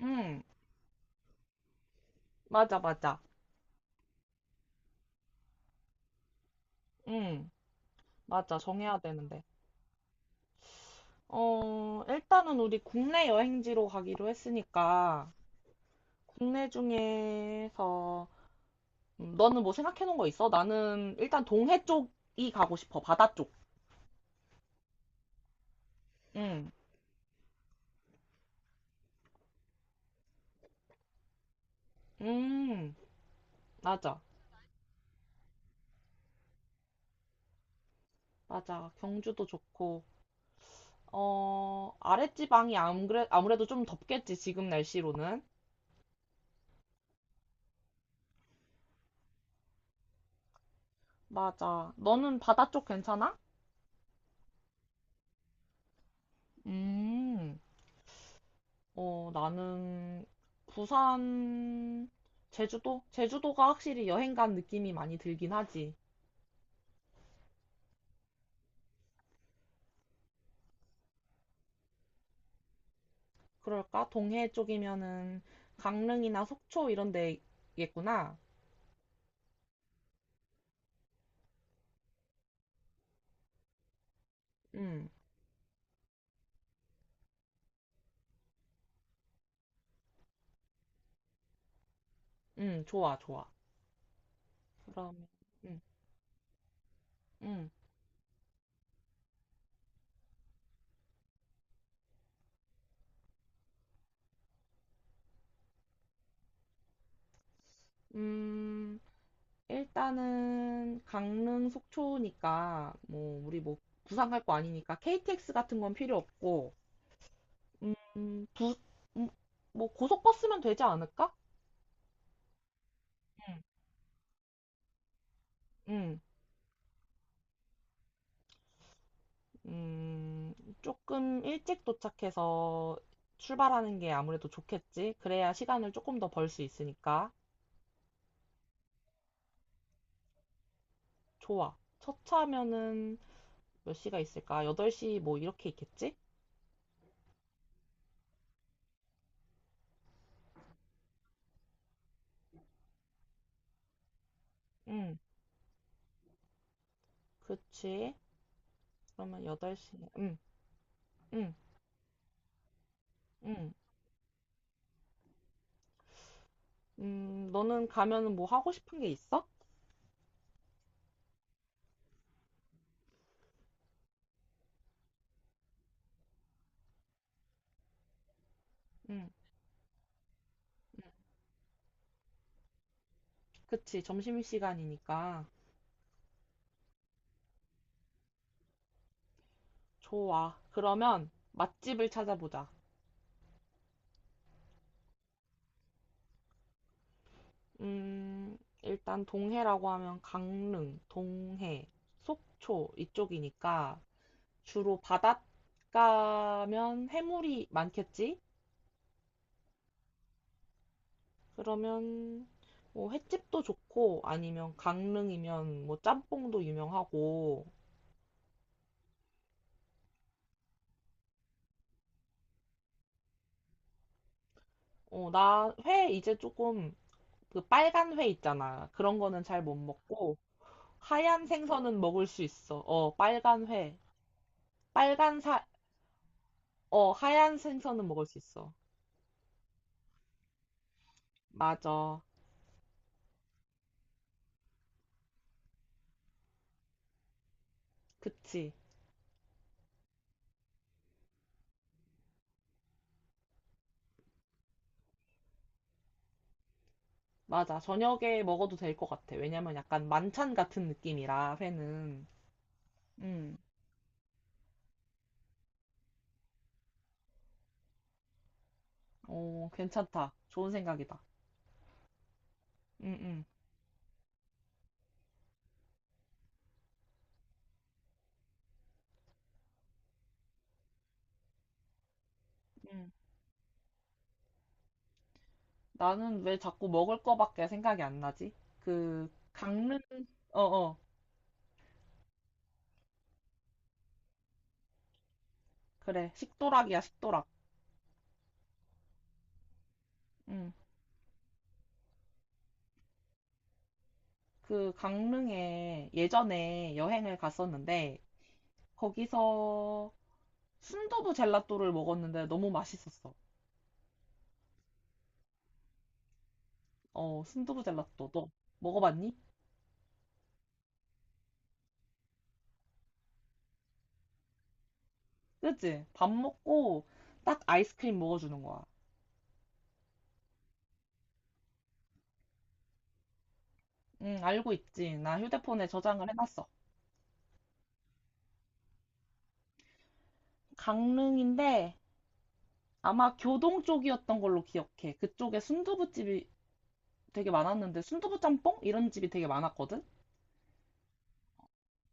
응, 맞아, 맞아. 응, 맞아. 정해야 되는데. 일단은 우리 국내 여행지로 가기로 했으니까, 국내 중에서, 너는 뭐 생각해 놓은 거 있어? 나는 일단 동해 쪽이 가고 싶어. 바다 쪽. 응, 음, 맞아. 맞아. 경주도 좋고, 아랫지방이 안 그래, 아무래도 좀 덥겠지, 지금 날씨로는. 맞아. 너는 바다 쪽 괜찮아? 음. 나는 부산, 제주도? 제주도가 확실히 여행 간 느낌이 많이 들긴 하지. 그럴까? 동해 쪽이면은 강릉이나 속초 이런 데겠구나. 응, 응, 좋아, 좋아. 그럼, 응, 응. 음, 일단은 강릉, 속초니까 뭐 우리 뭐 부산 갈 거 아니니까 KTX 같은 건 필요 없고, 음, 부, 음, 뭐 고속버스면 되지 않을까? 응, 응. 음, 조금 일찍 도착해서 출발하는 게 아무래도 좋겠지? 그래야 시간을 조금 더 벌 수 있으니까. 좋아. 첫 차면은 몇 시가 있을까? 8시 뭐 이렇게 있겠지? 응, 그치. 그러면 8시. 응, 응, 응. 너는 가면은 뭐 하고 싶은 게 있어? 응, 응. 그치. 점심시간이니까. 좋아. 그러면 맛집을 찾아보자. 음, 일단 동해라고 하면 강릉, 동해, 속초 이쪽이니까 주로 바닷가면 해물이 많겠지? 그러면 뭐 횟집도 좋고 아니면 강릉이면 뭐 짬뽕도 유명하고 나 회 이제 조금 그 빨간 회 있잖아. 그런 거는 잘 못 먹고 하얀 생선은 먹을 수 있어. 어, 빨간 회. 빨간 사, 어, 하얀 생선은 먹을 수 있어. 맞아. 그치. 맞아. 저녁에 먹어도 될 것 같아. 왜냐면 약간 만찬 같은 느낌이라, 회는. 음, 어, 괜찮다. 좋은 생각이다. 응, 응. 음. 나는 왜 자꾸 먹을 거밖에 생각이 안 나지? 그, 강릉, 어, 어. 그래. 식도락이야, 식도락. 음, 그 강릉에 예전에 여행을 갔었는데 거기서 순두부 젤라또를 먹었는데 너무 맛있었어. 어, 순두부 젤라또 너 먹어봤니? 그치? 밥 먹고 딱 아이스크림 먹어주는 거야. 응, 알고 있지. 나 휴대폰에 저장을 해놨어. 강릉인데 아마 교동 쪽이었던 걸로 기억해. 그쪽에 순두부집이 되게 많았는데 순두부 짬뽕? 이런 집이 되게 많았거든?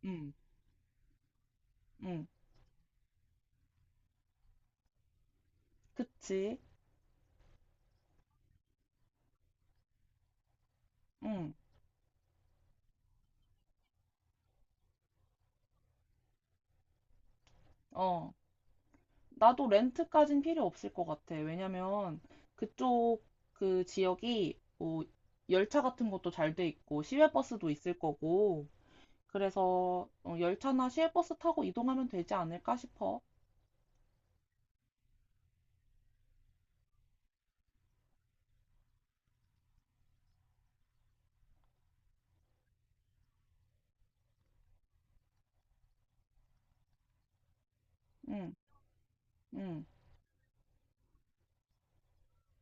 응, 응, 그치. 응, 어. 나도 렌트까진 필요 없을 것 같아. 왜냐면 그쪽 그 지역이 뭐 열차 같은 것도 잘 돼 있고 시외버스도 있을 거고 그래서 어, 열차나 시외버스 타고 이동하면 되지 않을까 싶어. 응, 응,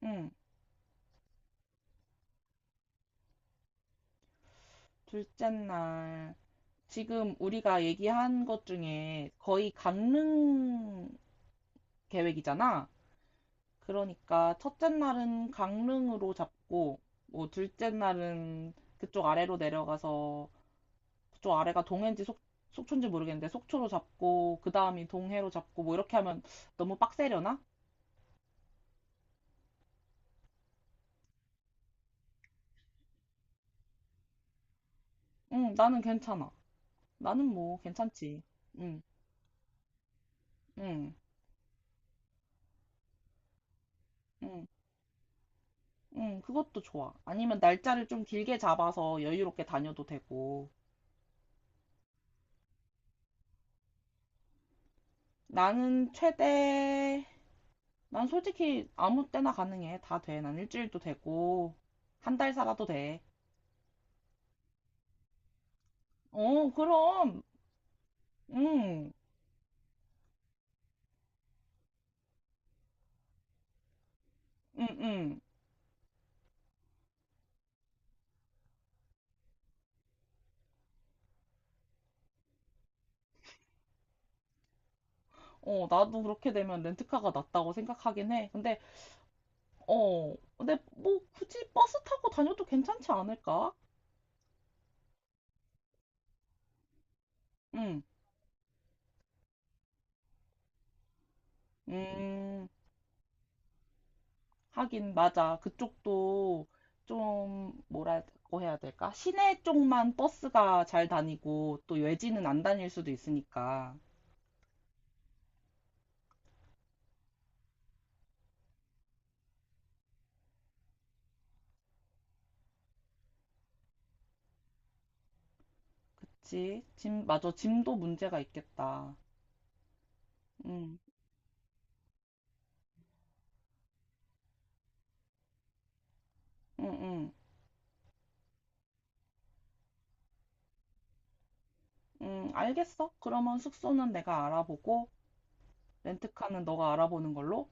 응. 둘째 날. 지금 우리가 얘기한 것 중에 거의 강릉 계획이잖아. 그러니까 첫째 날은 강릉으로 잡고, 뭐 둘째 날은 그쪽 아래로 내려가서 그쪽 아래가 동해인지 속, 속초인지 모르겠는데 속초로 잡고 그 다음이 동해로 잡고 뭐 이렇게 하면 너무 빡세려나? 응, 나는 괜찮아. 나는 뭐 괜찮지. 응. 응, 응, 응, 그것도 좋아. 아니면 날짜를 좀 길게 잡아서 여유롭게 다녀도 되고. 나는 최대, 난 솔직히 아무 때나 가능해. 다 돼. 난 일주일도 되고, 한 달 살아도 돼. 어, 그럼, 응, 응, 응. 어, 나도 그렇게 되면 렌트카가 낫다고 생각하긴 해. 근데, 어, 근데 뭐 굳이 버스 타고 다녀도 괜찮지 않을까? 응, 음. 하긴 맞아. 그쪽도 좀 뭐라고 해야 될까? 시내 쪽만 버스가 잘 다니고 또 외지는 안 다닐 수도 있으니까. 그치? 짐, 맞아. 짐도 문제가 있겠다. 응, 응, 응, 응. 알겠어. 그러면 숙소는 내가 알아보고 렌트카는 너가 알아보는 걸로.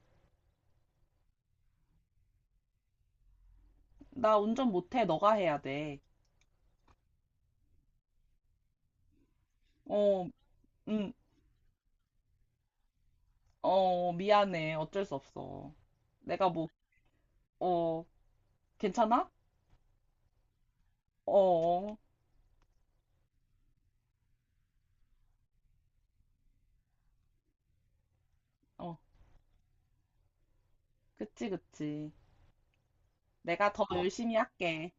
나 운전 못해. 너가 해야 돼. 어, 응, 어, 미안해. 어쩔 수 없어. 내가 뭐, 어, 괜찮아? 어, 어, 어, 그치, 그치. 내가 더 열심히 할게.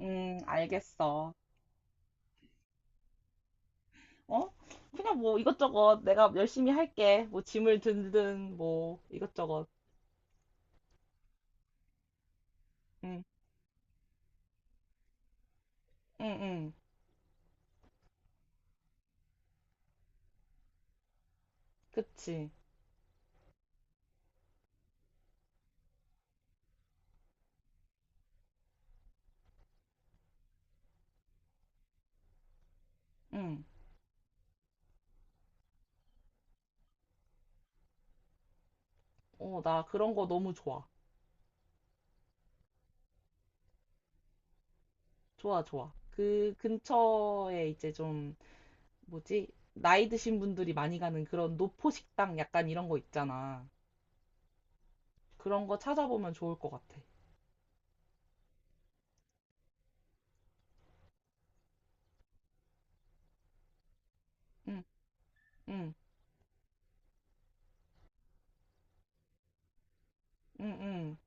알겠어. 어? 그냥 뭐 이것저것 내가 열심히 할게. 뭐 짐을 들든 뭐 이것저것. 응, 응, 응. 그치. 응. 어, 나 그런 거 너무 좋아. 좋아, 좋아. 그 근처에 이제 좀 뭐지? 나이 드신 분들이 많이 가는 그런 노포 식당 약간 이런 거 있잖아. 그런 거 찾아보면 좋을 것 같아. 응, 응, 응, 응.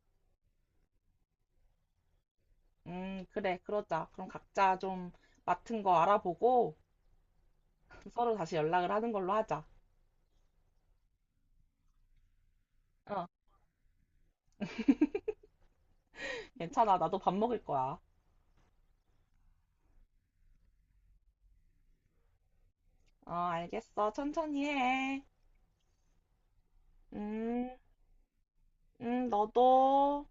응, 그래, 그러자. 그럼 각자 좀 맡은 거 알아보고 서로 다시 연락을 하는 걸로 하자. 어, 괜찮아. 나도 밥 먹을 거야. 어, 알겠어. 천천히 해. 음, 너도.